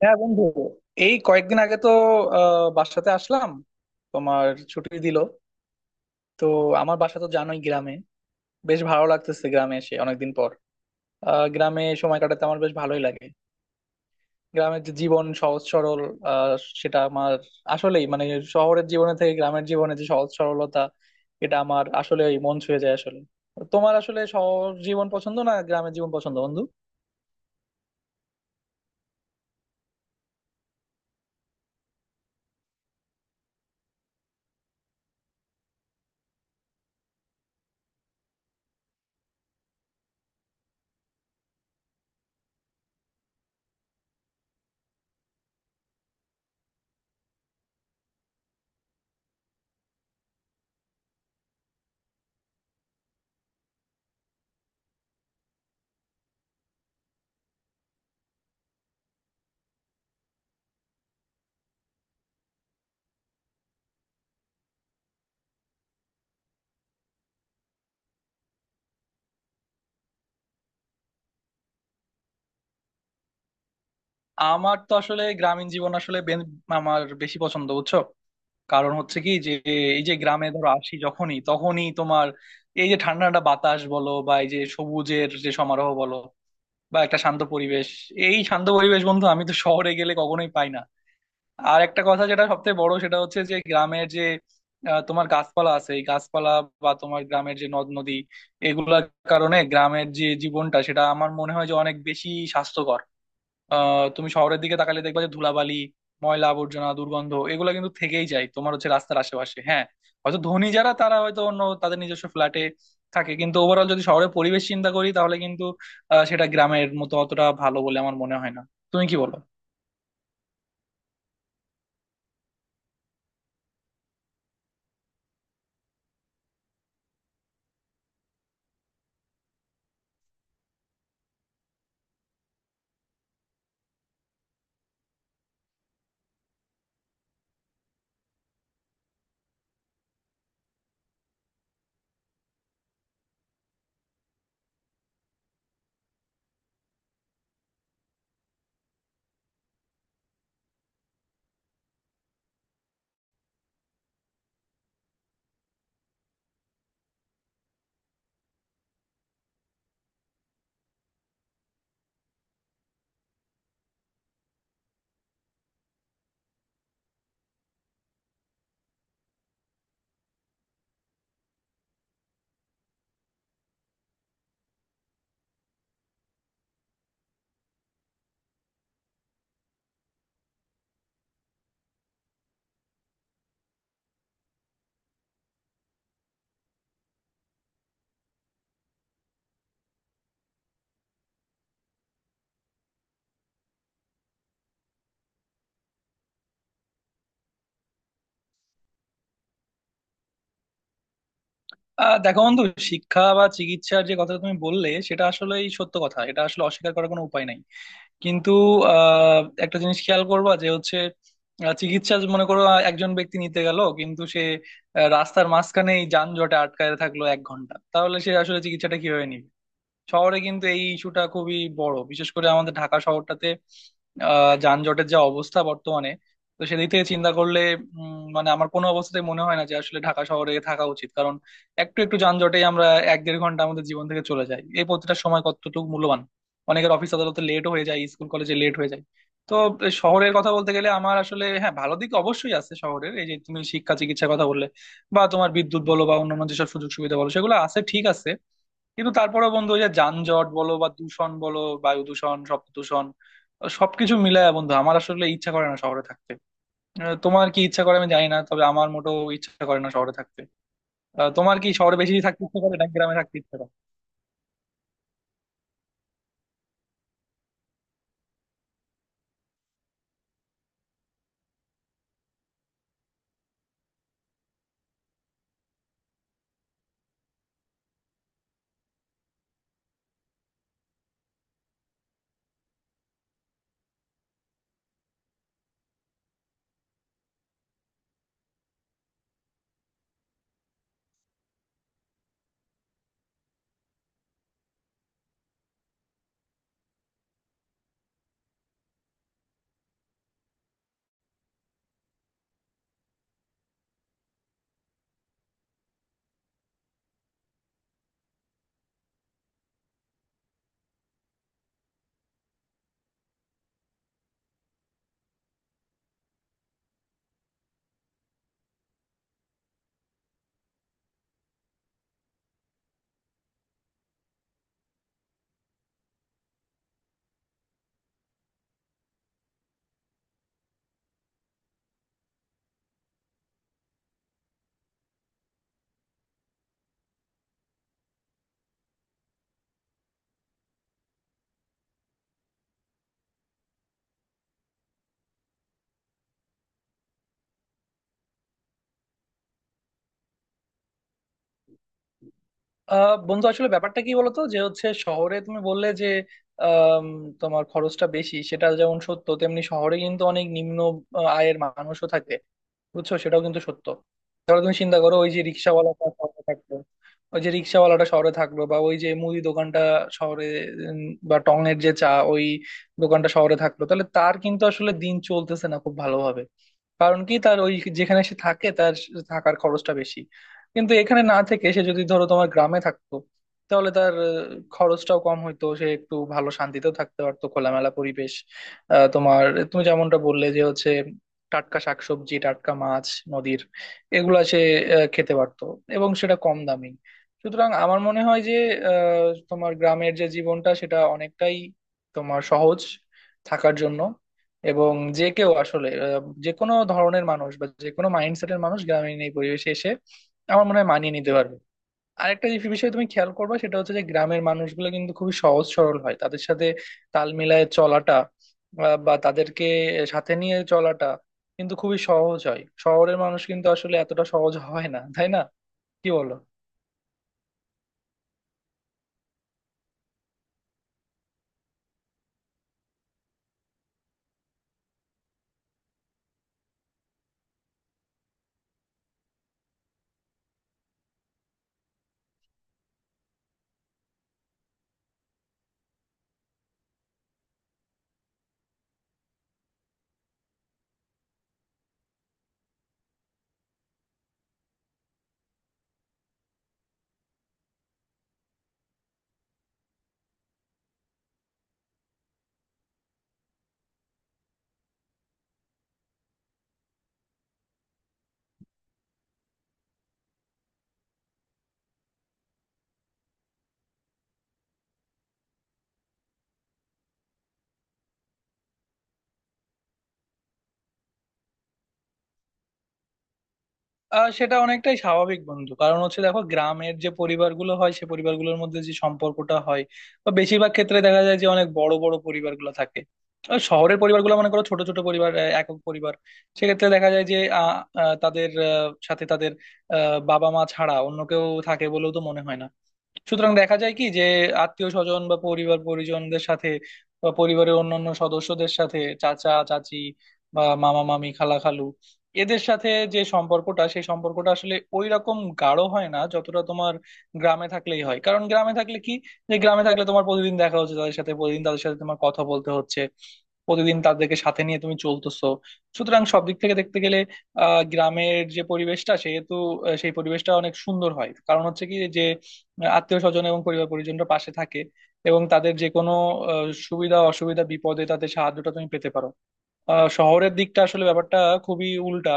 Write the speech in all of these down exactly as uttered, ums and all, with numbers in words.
হ্যাঁ বন্ধু, এই কয়েকদিন আগে তো আহ, বাসাতে আসলাম। তোমার ছুটি দিল, তো আমার বাসা তো জানোই গ্রামে। বেশ ভালো লাগতেছে গ্রামে এসে অনেকদিন পর। আহ, গ্রামে সময় কাটাতে আমার বেশ ভালোই লাগে। গ্রামের যে জীবন সহজ সরল, আহ, সেটা আমার আসলেই মানে শহরের জীবনে থেকে গ্রামের জীবনে যে সহজ সরলতা, এটা আমার আসলে মন ছুঁয়ে যায় আসলে। তোমার আসলে শহর জীবন পছন্দ, না গ্রামের জীবন পছন্দ বন্ধু? আমার তো আসলে গ্রামীণ জীবন আসলে বে- আমার বেশি পছন্দ, বুঝছো। কারণ হচ্ছে কি যে এই যে গ্রামে ধরো আসি যখনই, তখনই তোমার এই যে ঠান্ডা ঠান্ডা বাতাস বলো বা এই যে সবুজের যে সমারোহ বলো বা একটা শান্ত পরিবেশ, এই শান্ত পরিবেশ বন্ধু আমি তো শহরে গেলে কখনোই পাই না। আর একটা কথা যেটা সবথেকে বড়, সেটা হচ্ছে যে গ্রামের যে আহ, তোমার গাছপালা আছে, এই গাছপালা বা তোমার গ্রামের যে নদ নদী, এগুলার কারণে গ্রামের যে জীবনটা সেটা আমার মনে হয় যে অনেক বেশি স্বাস্থ্যকর। আহ তুমি শহরের দিকে তাকালে দেখবা যে ধুলাবালি, ময়লা আবর্জনা, দুর্গন্ধ এগুলো কিন্তু থেকেই যায় তোমার হচ্ছে রাস্তার আশেপাশে। হ্যাঁ, হয়তো ধনী যারা তারা হয়তো অন্য তাদের নিজস্ব ফ্ল্যাটে থাকে, কিন্তু ওভারঅল যদি শহরের পরিবেশ চিন্তা করি তাহলে কিন্তু আহ, সেটা গ্রামের মতো অতটা ভালো বলে আমার মনে হয় না। তুমি কি বলো? আহ দেখো বন্ধু, শিক্ষা বা চিকিৎসার যে কথাটা তুমি বললে সেটা আসলেই সত্য কথা, এটা আসলে অস্বীকার করার কোনো উপায় নাই। কিন্তু আহ একটা জিনিস খেয়াল করবা যে হচ্ছে আহ, চিকিৎসা যে মনে করো আহ, একজন ব্যক্তি নিতে গেল কিন্তু সে আহ, রাস্তার মাঝখানেই যানজটে আটকায় থাকলো এক ঘন্টা, তাহলে সে আসলে চিকিৎসাটা কিভাবে নিবে? শহরে কিন্তু এই ইস্যুটা খুবই বড়, বিশেষ করে আমাদের ঢাকা শহরটাতে আহ যানজটের যা অবস্থা বর্তমানে। তো সেদিক থেকে চিন্তা করলে উম, মানে আমার কোনো অবস্থাতেই মনে হয় না যে আসলে ঢাকা শহরে থাকা উচিত। কারণ একটু একটু যানজটেই আমরা এক দেড় ঘন্টা আমাদের জীবন থেকে চলে যাই, এই প্রতিটা সময় কতটুকু মূল্যবান। অনেকের অফিস আদালতে লেট হয়ে যায়, স্কুল কলেজে লেট হয়ে যায়। তো এ, শহরের কথা বলতে গেলে আমার আসলে, হ্যাঁ, ভালো দিক অবশ্যই আছে শহরের, এই যে তুমি শিক্ষা চিকিৎসার কথা বললে বা তোমার বিদ্যুৎ বলো বা অন্যান্য যেসব সুযোগ সুবিধা বলো সেগুলো আছে, ঠিক আছে। কিন্তু তারপরে বন্ধু ওই যে যানজট বলো বা দূষণ বলো, বায়ু দূষণ, শব্দ দূষণ, সবকিছু মিলায় বন্ধু আমার আসলে ইচ্ছা করে না শহরে থাকতে। আহ, তোমার কি ইচ্ছা করে আমি জানি না, তবে আমার মোটেও ইচ্ছা করে না শহরে থাকতে। আহ, তোমার কি শহরে বেশি থাকতে ইচ্ছা করে, না গ্রামে থাকতে ইচ্ছা করে? আহ বন্ধু আসলে ব্যাপারটা কি বলতো যে হচ্ছে শহরে তুমি বললে যে আম, তোমার খরচটা বেশি, সেটা যেমন সত্য, তেমনি শহরে কিন্তু অনেক নিম্ন আহ, আয়ের মানুষও থাকে, বুঝছো, সেটাও কিন্তু সত্য। তাহলে তুমি চিন্তা করো ওই যে রিক্সাওয়ালাটা শহরে থাকলো, ওই যে রিক্সাওয়ালাটা শহরে থাকলো বা ওই যে মুদি দোকানটা শহরে, উম, বা টং এর যে চা ওই দোকানটা শহরে থাকলো, তাহলে তার কিন্তু আসলে দিন চলতেছে না খুব ভালোভাবে। কারণ কি, তার ওই যেখানে সে থাকে তার থাকার খরচটা বেশি। কিন্তু এখানে না থেকে সে যদি ধরো তোমার গ্রামে থাকতো, তাহলে তার আহ, খরচটাও কম হইতো, সে একটু ভালো শান্তিতেও থাকতে পারতো, খোলামেলা পরিবেশ। আহ, তোমার তুমি যেমনটা বললে যে হচ্ছে টাটকা শাকসবজি, টাটকা মাছ, নদীর এগুলা সে আহ, খেতে পারতো এবং সেটা কম দামি। সুতরাং আমার মনে হয় যে আহ, তোমার গ্রামের যে জীবনটা সেটা অনেকটাই তোমার সহজ থাকার জন্য। এবং যে কেউ আসলে আহ, যে কোনো ধরনের মানুষ বা যে কোনো মাইন্ডসেটের মানুষ গ্রামীণ এই পরিবেশে এসে আমার মনে হয় মানিয়ে নিতে পারবে। আরেকটা যে বিষয় তুমি খেয়াল করবে সেটা হচ্ছে যে গ্রামের মানুষগুলো কিন্তু খুবই সহজ সরল হয়, তাদের সাথে তাল মিলায়ে চলাটা আহ, বা তাদেরকে সাথে নিয়ে চলাটা কিন্তু খুবই সহজ হয়, শহরের মানুষ কিন্তু আসলে এতটা সহজ হয় না, তাই না? কি বলো? আহ সেটা অনেকটাই স্বাভাবিক বন্ধু, কারণ হচ্ছে দেখো গ্রামের যে পরিবারগুলো হয় সে পরিবারগুলোর মধ্যে যে সম্পর্কটা হয় বা বেশিরভাগ ক্ষেত্রে দেখা যায় যে অনেক বড় বড় পরিবারগুলো থাকে। আর শহরের পরিবারগুলো মনে করো ছোট ছোট পরিবার, আহ, একক পরিবার। সেক্ষেত্রে দেখা যায় যে আহ, আহ, তাদের আহ, সাথে তাদের আহ, বাবা মা ছাড়া অন্য কেউ থাকে বলেও তো মনে হয় না। সুতরাং দেখা যায় কি যে আত্মীয় স্বজন বা পরিবার পরিজনদের সাথে বা পরিবারের অন্যান্য সদস্যদের সাথে, চাচা চাচি বা মামা মামি, খালা খালু, এদের সাথে যে সম্পর্কটা সেই সম্পর্কটা আসলে ওই রকম গাঢ় হয় না যতটা তোমার গ্রামে থাকলেই হয়। কারণ গ্রামে থাকলে কি, যে গ্রামে থাকলে তোমার প্রতিদিন দেখা হচ্ছে তাদের সাথে, প্রতিদিন তাদের সাথে তোমার কথা বলতে হচ্ছে, প্রতিদিন তাদেরকে সাথে নিয়ে তুমি চলতেছো। সুতরাং সব দিক থেকে দেখতে গেলে আহ গ্রামের যে পরিবেশটা সেহেতু আহ, সেই পরিবেশটা অনেক সুন্দর হয়। কারণ হচ্ছে কি যে মানে আত্মীয় স্বজন এবং পরিবার পরিজনরা পাশে থাকে এবং তাদের যে কোনো আহ, সুবিধা অসুবিধা, বিপদে তাদের সাহায্যটা তুমি পেতে পারো। আহ, শহরের দিকটা আসলে ব্যাপারটা খুবই উল্টা।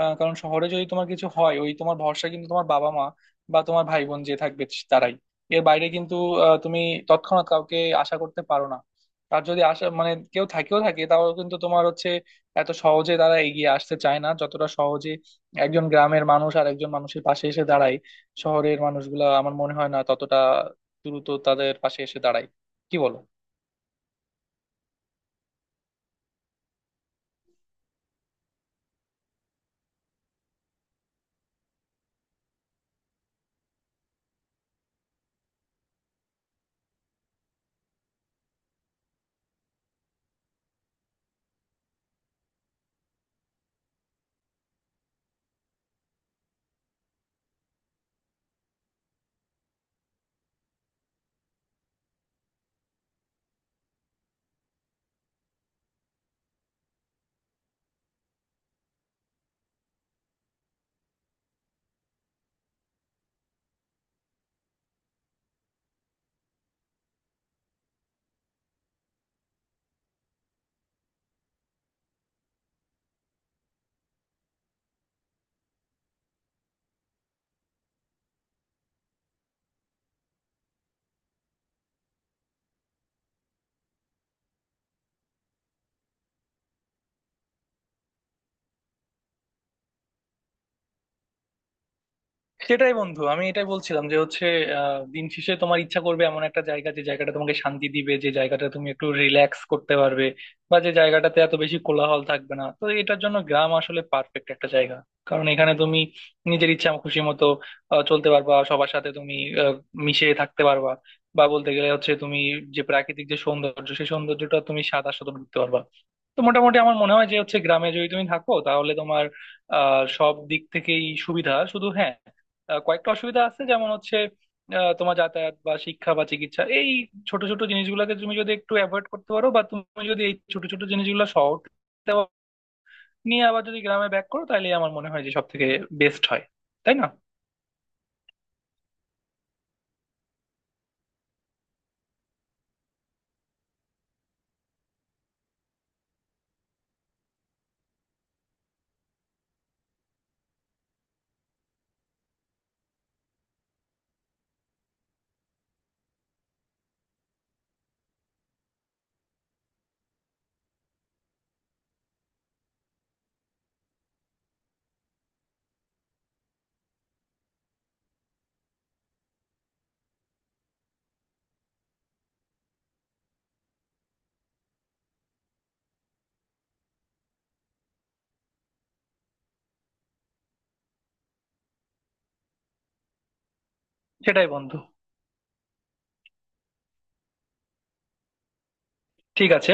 আহ, কারণ শহরে যদি তোমার কিছু হয়, ওই তোমার ভরসা কিন্তু তোমার বাবা মা বা তোমার ভাই বোন যে থাকবে, তারাই। এর বাইরে কিন্তু আহ, তুমি তৎক্ষণাৎ কাউকে আশা করতে পারো না। তার যদি আশা মানে কেউ থাকেও থাকে, তাও কিন্তু তোমার হচ্ছে এত সহজে তারা এগিয়ে আসতে চায় না, যতটা সহজে একজন গ্রামের মানুষ আর একজন মানুষের পাশে এসে দাঁড়ায়। শহরের মানুষগুলা আমার মনে হয় না ততটা দ্রুত তাদের পাশে এসে দাঁড়ায়। কি বলো? সেটাই বন্ধু, আমি এটাই বলছিলাম যে হচ্ছে আহ, দিন শেষে তোমার ইচ্ছা করবে এমন একটা জায়গা যে জায়গাটা তোমাকে শান্তি দিবে, যে জায়গাটা তুমি একটু রিল্যাক্স করতে পারবে বা যে জায়গাটাতে এত বেশি কোলাহল থাকবে না। তো এটার জন্য গ্রাম আসলে পারফেক্ট একটা জায়গা। কারণ এখানে তুমি নিজের ইচ্ছা খুশি মতো আহ, চলতে পারবা, সবার সাথে তুমি আহ, মিশে থাকতে পারবা। বা বলতে গেলে হচ্ছে তুমি যে প্রাকৃতিক যে সৌন্দর্য সেই সৌন্দর্যটা তুমি সাদা আস্বাদন করতে পারবা। তো মোটামুটি আমার মনে হয় যে হচ্ছে গ্রামে যদি তুমি থাকো তাহলে তোমার আহ সব দিক থেকেই সুবিধা, শুধু, হ্যাঁ, আহ কয়েকটা অসুবিধা আছে যেমন হচ্ছে আহ, তোমার যাতায়াত বা শিক্ষা বা চিকিৎসা, এই ছোট ছোট জিনিসগুলোকে তুমি যদি একটু অ্যাভয়েড করতে পারো বা তুমি যদি এই ছোট ছোট জিনিসগুলো শহর থেকে নিয়ে আবার যদি গ্রামে ব্যাক করো, তাহলে আমার মনে হয় যে সব থেকে বেস্ট হয়, তাই না? সেটাই বন্ধু। ঠিক আছে।